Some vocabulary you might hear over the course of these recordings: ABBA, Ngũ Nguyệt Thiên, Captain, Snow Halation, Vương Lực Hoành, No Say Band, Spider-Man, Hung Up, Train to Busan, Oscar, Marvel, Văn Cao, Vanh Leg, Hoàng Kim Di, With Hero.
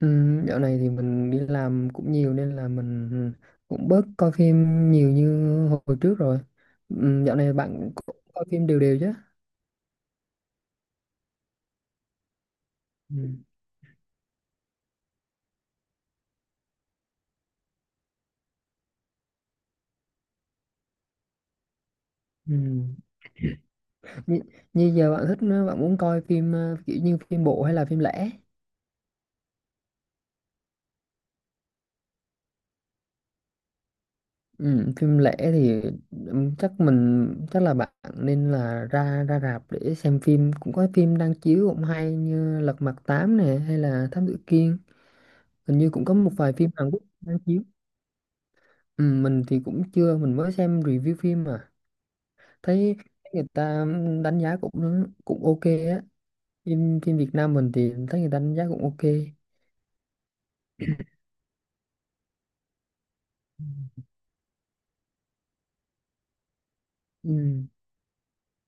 Ừ, dạo này thì mình đi làm cũng nhiều nên là mình cũng bớt coi phim nhiều như hồi trước rồi. Ừ, dạo này bạn cũng coi phim đều đều chứ? Ừ. Ừ. Như, như giờ bạn thích bạn muốn coi phim kiểu như phim bộ hay là phim lẻ? Ừ, phim lẻ thì chắc mình, chắc là bạn nên là ra ra rạp để xem phim, cũng có phim đang chiếu cũng hay như Lật Mặt 8 này hay là Thám Tử Kiên, hình như cũng có một vài phim Hàn Quốc đang chiếu. Ừ, mình thì cũng chưa, mình mới xem review phim mà thấy người ta đánh giá cũng cũng ok á, phim phim Việt Nam mình thì thấy người ta đánh giá cũng ok. Ừ.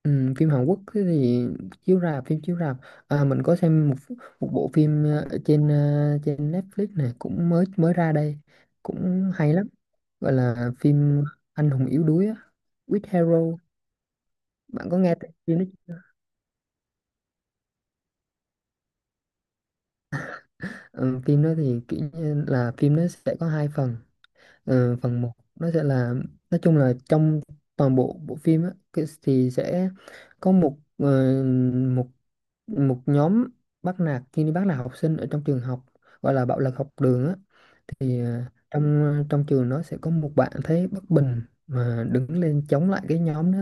Ừ, phim Hàn Quốc thì chiếu rạp, phim chiếu rạp, à, mình có xem một một bộ phim trên Netflix này, cũng mới mới ra đây, cũng hay lắm, gọi là phim Anh hùng yếu đuối á, With Hero. Bạn có nghe tên phim đó chưa? Ừ, phim đó thì kiểu như là phim nó sẽ có hai phần. Ừ, phần một nó sẽ là, nói chung là trong toàn bộ bộ phim á, thì sẽ có một ờ, một một nhóm bắt nạt, khi đi bắt nạt học sinh ở trong trường học, gọi là bạo lực học đường á. Thì trong trường nó sẽ có một bạn thấy bất bình mà đứng lên chống lại cái nhóm đó,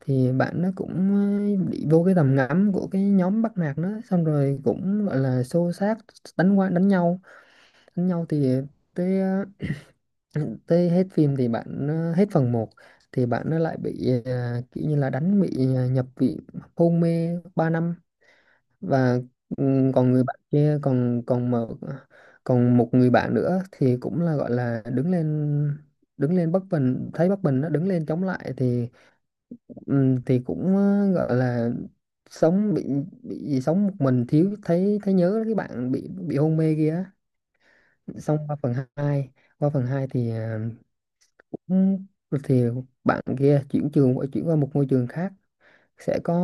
thì bạn nó cũng bị vô cái tầm ngắm của cái nhóm bắt nạt đó, xong rồi cũng gọi là xô xát, đánh qua đánh nhau. Đánh nhau thì tới tới hết phim thì bạn hết phần một, thì bạn nó lại bị kiểu như là đánh, bị nhập viện, hôn mê 3 năm. Và ừ, còn người bạn kia còn còn mà còn một người bạn nữa thì cũng là gọi là đứng lên, đứng lên bất bình, thấy bất bình nó đứng lên chống lại, thì ừ, thì cũng gọi là sống bị sống một mình, thiếu, thấy thấy nhớ cái bạn bị hôn mê kia. Xong qua phần 2, thì cũng thì bạn kia chuyển qua một ngôi trường khác, sẽ có,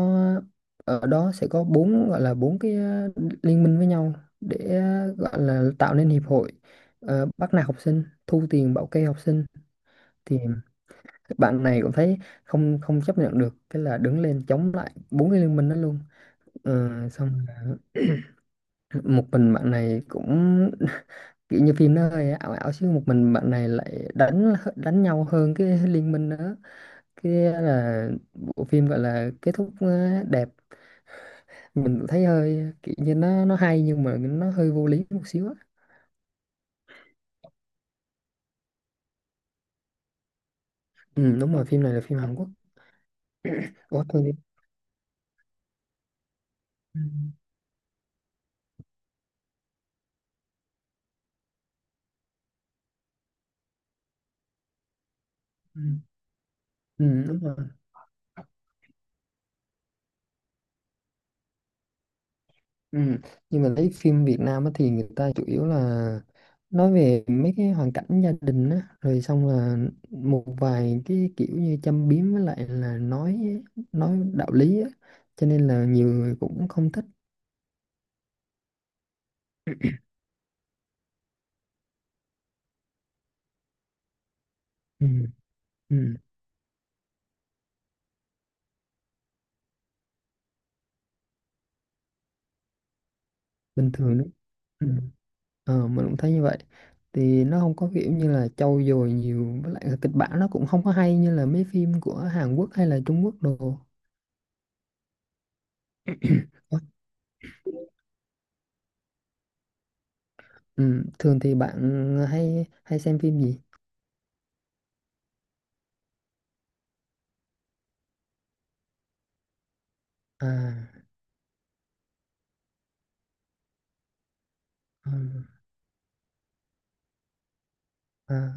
ở đó sẽ có bốn, gọi là bốn cái liên minh với nhau để gọi là tạo nên hiệp hội, bắt nạt học sinh, thu tiền bảo kê học sinh. Thì bạn này cũng thấy không không chấp nhận được, cái là đứng lên chống lại bốn cái liên minh đó luôn. Ờ, xong là một mình bạn này cũng kiểu như phim nó hơi ảo ảo, chứ một mình bạn này lại đánh đánh nhau hơn cái liên minh nữa, cái là bộ phim gọi là kết thúc đẹp. Mình cũng thấy hơi kiểu như nó hay, nhưng mà nó hơi vô lý một xíu á. Ừ, đúng rồi, phim này là phim Hàn Quốc. Ủa, thôi đi. Ừ, ừ, ừ, đúng rồi. Ừ. Nhưng mà lấy phim Việt Nam á thì người ta chủ yếu là nói về mấy cái hoàn cảnh gia đình á, rồi xong là một vài cái kiểu như châm biếm với lại là nói đạo lý á, cho nên là nhiều người cũng không thích. Ừ. Ừ. Bình thường đó. Ừ. Ờ, mình cũng thấy như vậy, thì nó không có kiểu như là trau dồi nhiều, với lại là kịch bản nó cũng không có hay như là mấy phim của Hàn Quốc hay là Trung Quốc đồ. Ủa, ừ. Thường thì bạn hay hay xem phim gì? À. Ờ, à,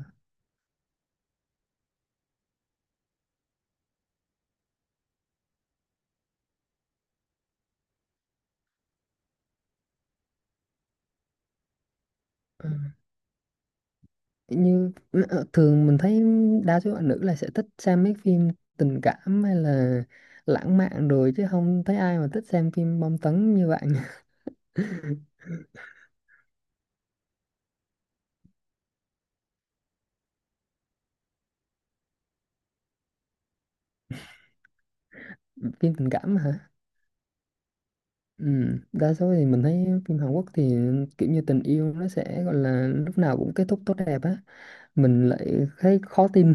ờ. Như thường mình thấy đa số bạn nữ là sẽ thích xem mấy phim tình cảm hay là lãng mạn rồi, chứ không thấy ai mà thích xem phim bom tấn như bạn. Phim tình cảm hả? Ừ. Đa số thì mình thấy phim Hàn Quốc thì kiểu như tình yêu nó sẽ gọi là lúc nào cũng kết thúc tốt đẹp á, mình lại thấy khó tin.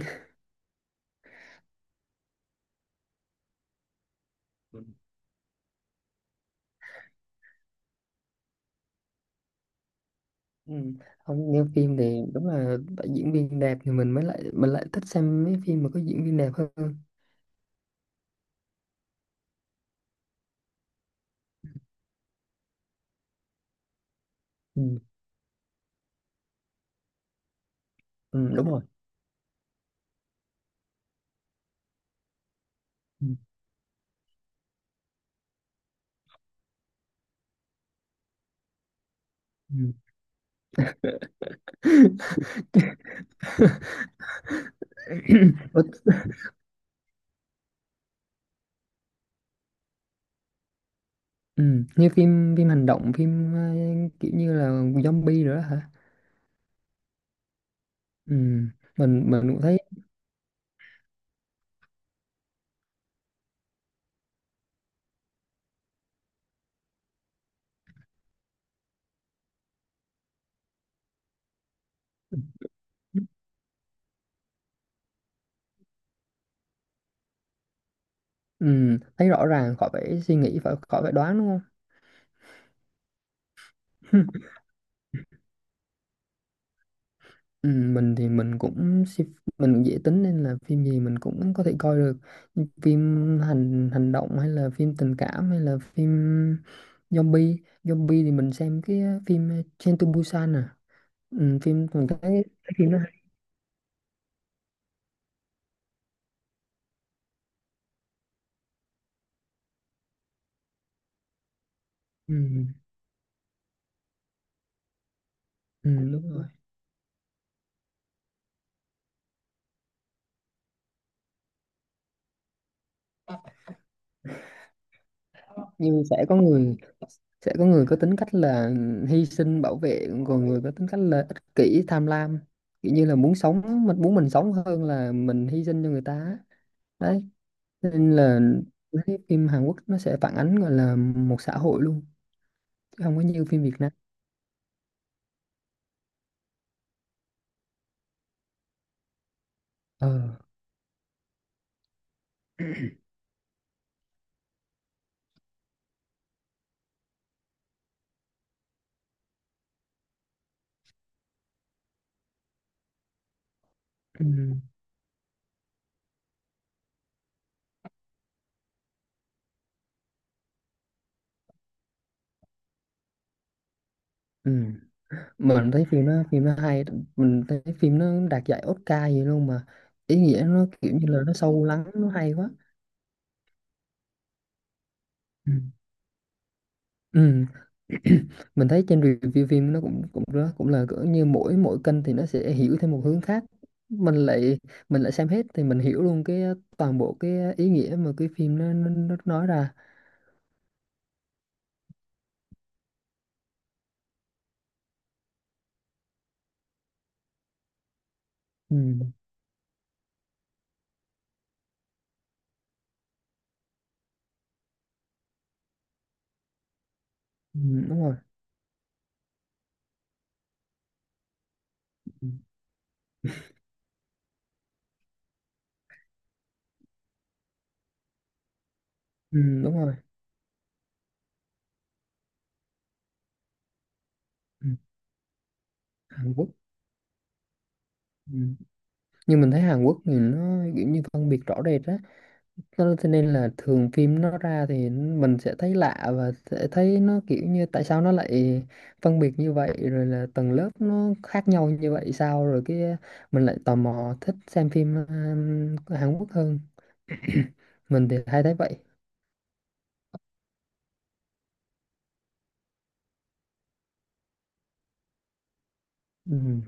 Ừ. Không, như phim thì đúng là phải diễn viên đẹp thì mình lại thích xem mấy phim mà có diễn viên đẹp hơn. Ừ. Ừ, đúng rồi. Ừ. Ừ. Ủa, ừ, như phim phim hành động, phim kiểu như là zombie rồi đó hả? Ừ, mình cũng thấy, ừ, thấy rõ ràng, khỏi phải suy nghĩ, khỏi phải đoán đúng không? Ừ, mình thì mình cũng dễ tính, nên là phim gì mình cũng có thể coi được. Nhưng phim hành hành động hay là phim tình cảm hay là phim zombie, zombie thì mình xem cái phim Train to Busan à. Ừ, phim mình thấy phim đó hay. Ừ, ừ, đúng rồi, như sẽ có người có tính cách là hy sinh bảo vệ, còn người có tính cách là ích kỷ tham lam, kiểu như là muốn sống mình muốn mình sống hơn là mình hy sinh cho người ta á. Đấy, nên là cái phim Hàn Quốc nó sẽ phản ánh, gọi là một xã hội luôn, chứ không có như phim Việt Nam. Ờ. Ừ. Ừ. Mình thấy phim nó hay, mình thấy phim nó đạt giải Oscar gì luôn mà. Ý nghĩa nó kiểu như là nó sâu lắng, nó hay quá. Ừ. Ừ. Mình thấy trên review phim nó cũng cũng đó, cũng là cỡ như mỗi mỗi kênh thì nó sẽ hiểu theo một hướng khác. mình lại mình lại xem hết thì mình hiểu luôn cái toàn bộ cái ý nghĩa mà cái phim nó nói ra. Ừ, ừ, đúng rồi. Ừ, ừ, đúng rồi. Ừ, Hàn Quốc. Ừ. Nhưng mình thấy Hàn Quốc thì nó kiểu như phân biệt rõ rệt á. Cho nên thế nên là thường phim nó ra thì mình sẽ thấy lạ, và sẽ thấy nó kiểu như tại sao nó lại phân biệt như vậy, rồi là tầng lớp nó khác nhau như vậy sao, rồi cái mình lại tò mò thích xem phim của Hàn Quốc hơn. Mình thì hay thấy vậy. Ừ.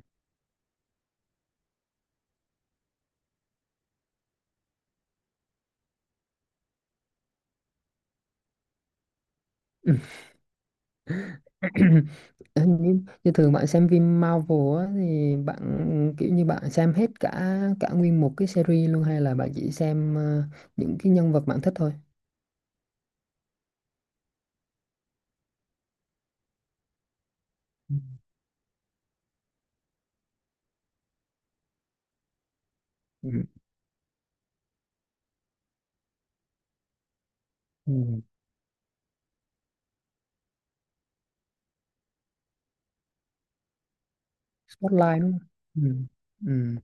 Như thường bạn xem phim Marvel á, thì bạn kiểu như bạn xem hết cả cả nguyên một cái series luôn, hay là bạn chỉ xem những cái nhân vật bạn thích thôi? Ừ. Ừ. Spotlight đúng không? Ừ. Ừ.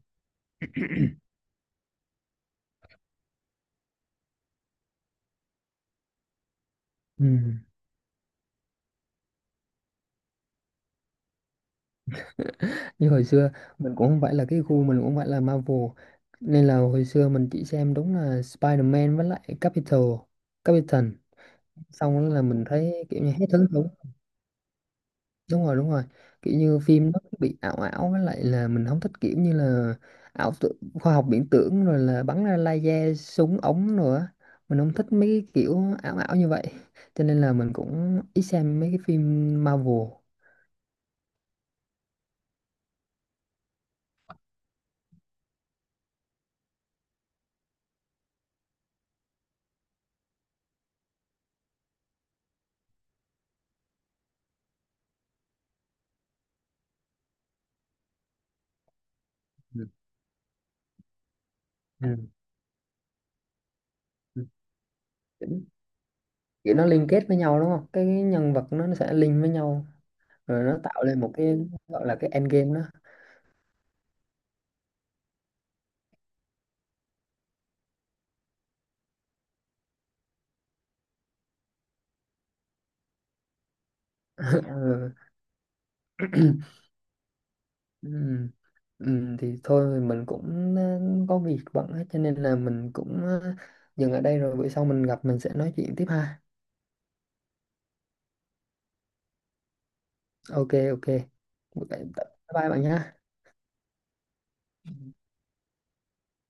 Ừ. Như hồi xưa mình cũng không phải là cái gu, mình cũng không phải là Marvel, nên là hồi xưa mình chỉ xem đúng là Spider-Man với lại Captain. Xong đó là mình thấy kiểu như hết hứng thú. Đúng rồi, đúng rồi. Kiểu như phim nó cứ bị ảo ảo, với lại là mình không thích kiểu như là ảo tưởng, khoa học viễn tưởng, rồi là bắn ra laser súng ống rồi á, mình không thích mấy cái kiểu ảo ảo như vậy, cho nên là mình cũng ít xem mấy cái phim Marvel. Ừ. Ừ. Kiểu nó liên kết với nhau đúng không, cái nhân vật nó sẽ link với nhau, rồi nó tạo lên một cái gọi là cái endgame đó. Ừ. Ừm, thì thôi, mình cũng có việc bận hết, cho nên là mình cũng dừng ở đây, rồi bữa sau mình gặp mình sẽ nói chuyện tiếp ha. Ok, ok, bye bye bạn nhé.